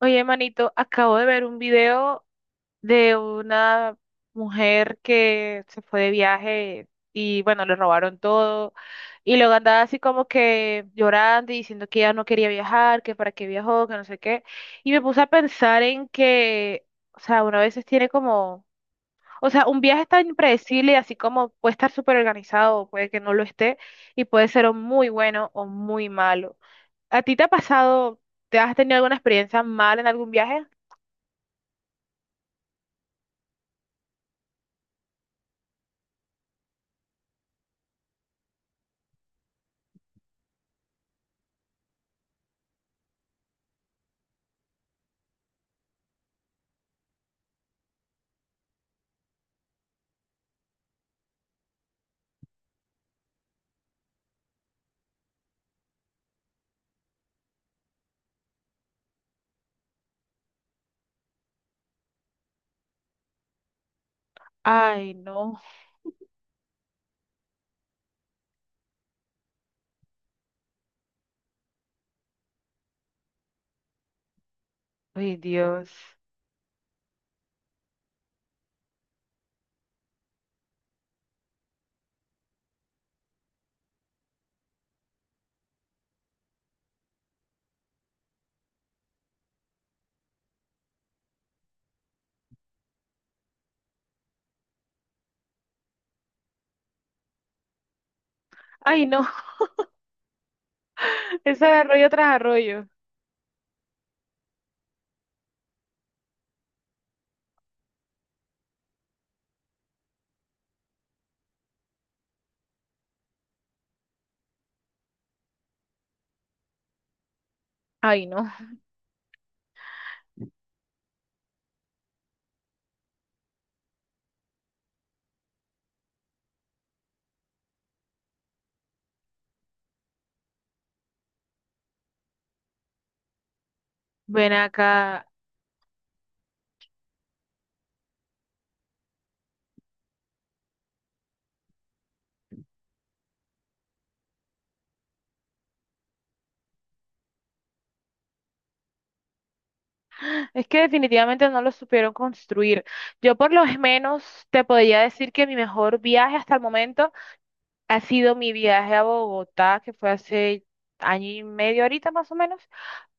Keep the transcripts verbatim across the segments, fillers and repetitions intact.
Oye, manito, acabo de ver un video de una mujer que se fue de viaje y bueno, le robaron todo y luego andaba así como que llorando y diciendo que ella no quería viajar, que para qué viajó, que no sé qué. Y me puse a pensar en que, o sea, uno a veces tiene como, o sea, un viaje es tan impredecible, así como puede estar súper organizado, puede que no lo esté y puede ser o muy bueno o muy malo. ¿A ti te ha pasado, te has tenido alguna experiencia mal en algún viaje? Ay, no. Ay, Dios. Ay, no. Ese arroyo tras arroyo. Ay, no. Ven acá. Es que definitivamente no lo supieron construir. Yo por lo menos te podría decir que mi mejor viaje hasta el momento ha sido mi viaje a Bogotá, que fue hace año y medio ahorita más o menos.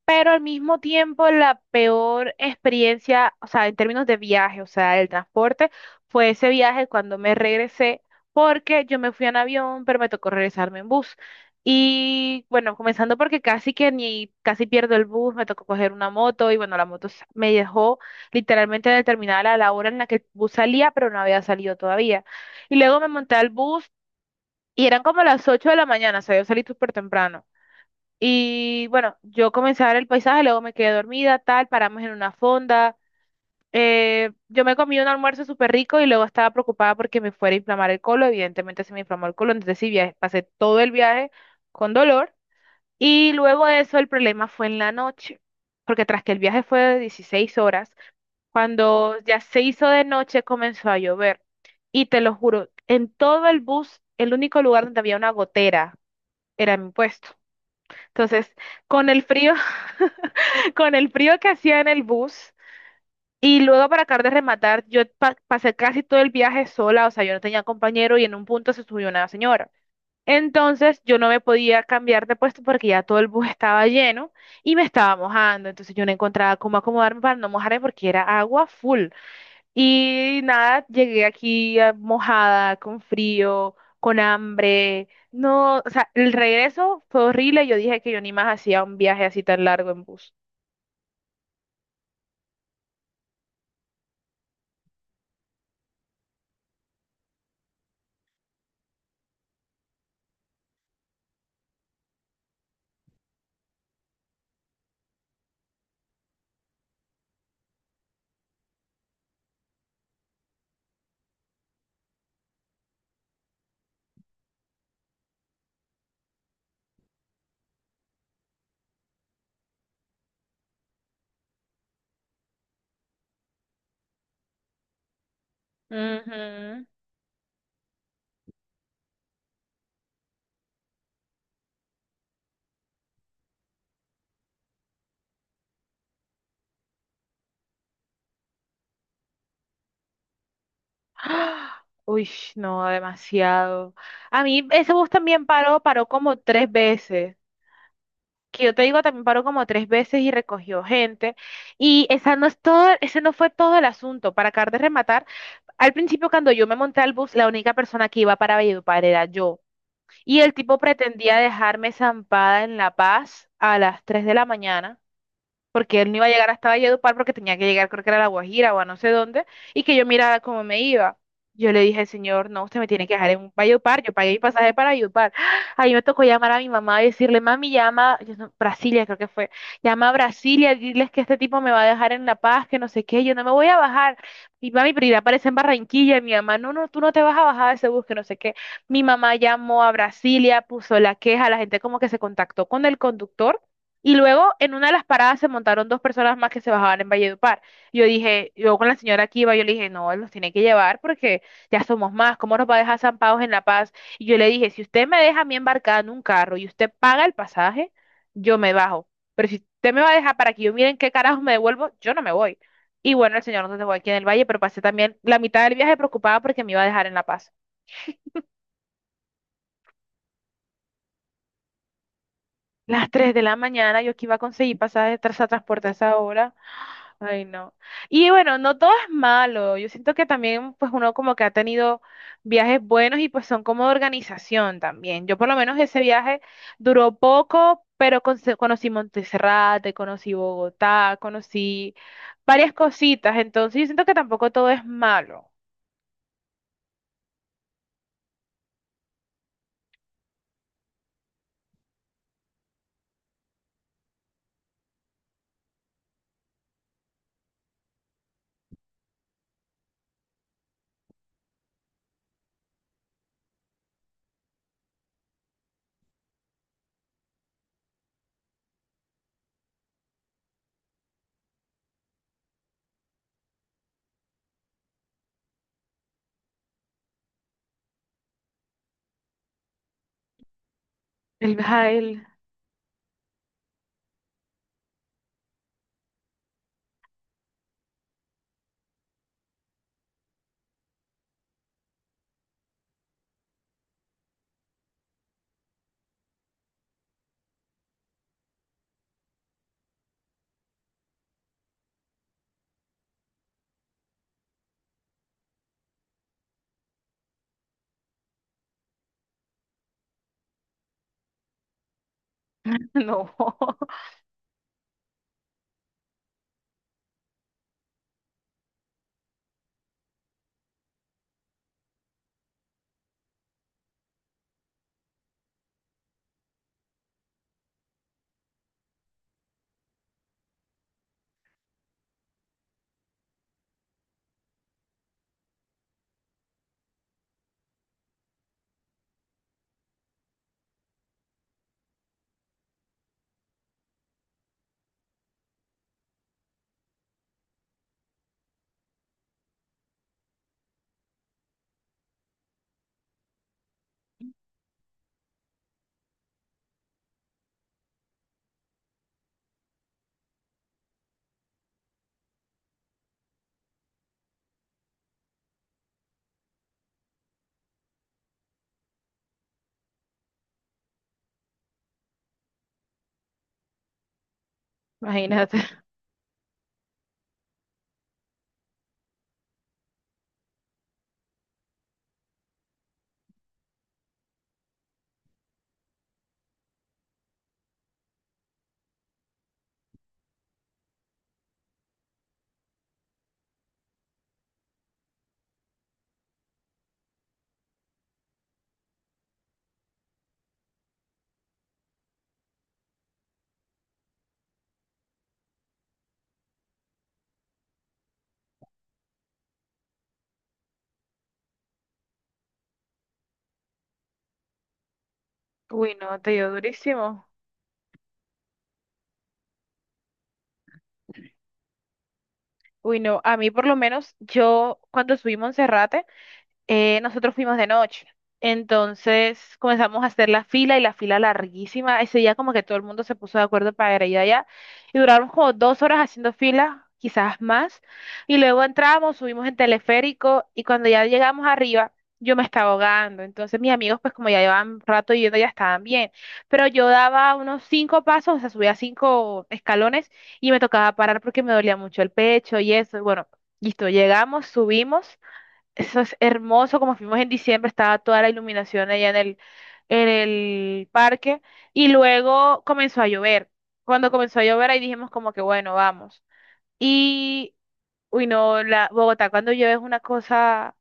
Pero al mismo tiempo la peor experiencia, o sea, en términos de viaje, o sea, el transporte, fue ese viaje cuando me regresé, porque yo me fui en avión, pero me tocó regresarme en bus. Y bueno, comenzando porque casi que ni, casi pierdo el bus, me tocó coger una moto y bueno, la moto s- me dejó literalmente en el terminal a la hora en la que el bus salía, pero no había salido todavía. Y luego me monté al bus y eran como las ocho de la mañana, o sea, yo salí súper temprano. Y bueno, yo comencé a ver el paisaje, luego me quedé dormida, tal, paramos en una fonda. Eh, yo me comí un almuerzo súper rico y luego estaba preocupada porque me fuera a inflamar el colon. Evidentemente se me inflamó el colon, entonces sí, viaje- pasé todo el viaje con dolor. Y luego de eso el problema fue en la noche, porque tras que el viaje fue de dieciséis horas, cuando ya se hizo de noche comenzó a llover. Y te lo juro, en todo el bus, el único lugar donde había una gotera era mi puesto. Entonces, con el frío, con el frío que hacía en el bus y luego para acabar de rematar, yo pa- pasé casi todo el viaje sola, o sea, yo no tenía compañero y en un punto se subió una señora. Entonces yo no me podía cambiar de puesto porque ya todo el bus estaba lleno y me estaba mojando, entonces yo no encontraba cómo acomodarme para no mojarme porque era agua full. Y nada, llegué aquí eh, mojada, con frío, con hambre. No, o sea, el regreso fue horrible, yo dije que yo ni más hacía un viaje así tan largo en bus. Ujú. ¡Ah! Uy, no, demasiado. A mí ese bus también paró, paró como tres veces. Que yo te digo, también paró como tres veces y recogió gente. Y esa no es todo, ese no fue todo el asunto. Para acabar de rematar, al principio cuando yo me monté al bus, la única persona que iba para Valledupar era yo. Y el tipo pretendía dejarme zampada en La Paz a las tres de la mañana porque él no iba a llegar hasta Valledupar porque tenía que llegar, creo que era a La Guajira o a no sé dónde, y que yo mirara cómo me iba. Yo le dije, señor, no, usted me tiene que dejar en Valledupar, yo pagué mi pasaje para Valledupar. Ahí me tocó llamar a mi mamá y decirle, mami, llama, yo no- Brasilia creo que fue, llama a Brasilia, diles que este tipo me va a dejar en La Paz, que no sé qué, yo no me voy a bajar. Y mami, pero irá aparece en Barranquilla, y mi mamá, no, no, tú no te vas a bajar de ese bus, que no sé qué. Mi mamá llamó a Brasilia, puso la queja, la gente como que se contactó con el conductor y luego en una de las paradas se montaron dos personas más que se bajaban en Valledupar. Yo dije, yo con la señora que iba, yo le dije, no, él nos tiene que llevar porque ya somos más, ¿cómo nos va a dejar zampados en La Paz? Y yo le dije, si usted me deja a mí embarcada en un carro y usted paga el pasaje, yo me bajo. Pero si usted me va a dejar para que yo miren qué carajos me devuelvo, yo no me voy. Y bueno, el señor nos dejó aquí en el valle, pero pasé también la mitad del viaje preocupada porque me iba a dejar en La Paz. Las tres de la mañana, yo que iba a conseguir pasaje de transporte a esa hora. Ay, no. Y bueno, no todo es malo. Yo siento que también, pues uno como que ha tenido viajes buenos y pues son como de organización también. Yo por lo menos ese viaje duró poco, pero conse- conocí Monteserrate, conocí Bogotá, conocí varias cositas. Entonces yo siento que tampoco todo es malo. El viaje, no, imagínate. Uy, no, te dio durísimo. Uy, no, a mí por lo menos yo cuando subí Monserrate, eh, nosotros fuimos de noche. Entonces comenzamos a hacer la fila y la fila larguísima. Ese día como que todo el mundo se puso de acuerdo para ir allá y duramos como dos horas haciendo fila, quizás más. Y luego entramos, subimos en teleférico y cuando ya llegamos arriba, yo me estaba ahogando. Entonces mis amigos pues como ya llevaban rato yendo ya estaban bien. Pero yo daba unos cinco pasos, o sea, subía cinco escalones y me tocaba parar porque me dolía mucho el pecho y eso. Y bueno, listo, llegamos, subimos. Eso es hermoso, como fuimos en diciembre, estaba toda la iluminación allá en el, en el parque y luego comenzó a llover. Cuando comenzó a llover ahí dijimos como que bueno, vamos. Y, uy, no, la, Bogotá cuando llueve es una cosa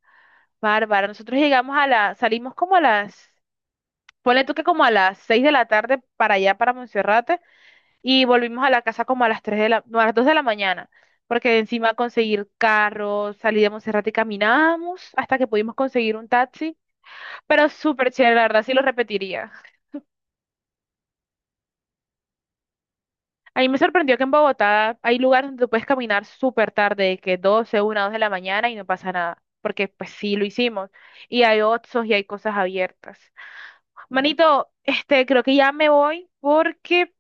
bárbara. Nosotros llegamos a la, salimos como a las, ponle tú que como a las seis de la tarde para allá, para Monserrate y volvimos a la casa como a las tres de la, no, a las dos de la mañana, porque encima conseguir carros, salí de Monserrate y caminamos hasta que pudimos conseguir un taxi, pero súper chévere, la verdad, sí lo repetiría. A mí me sorprendió que en Bogotá hay lugares donde tú puedes caminar súper tarde, que doce una dos de la mañana y no pasa nada, porque pues sí lo hicimos, y hay Oxxos y hay cosas abiertas. Manito, este, creo que ya me voy porque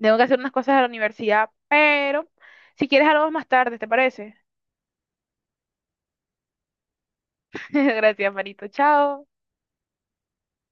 tengo que hacer unas cosas a la universidad, pero si quieres hablamos más tarde, ¿te parece? Gracias, Marito. Chao.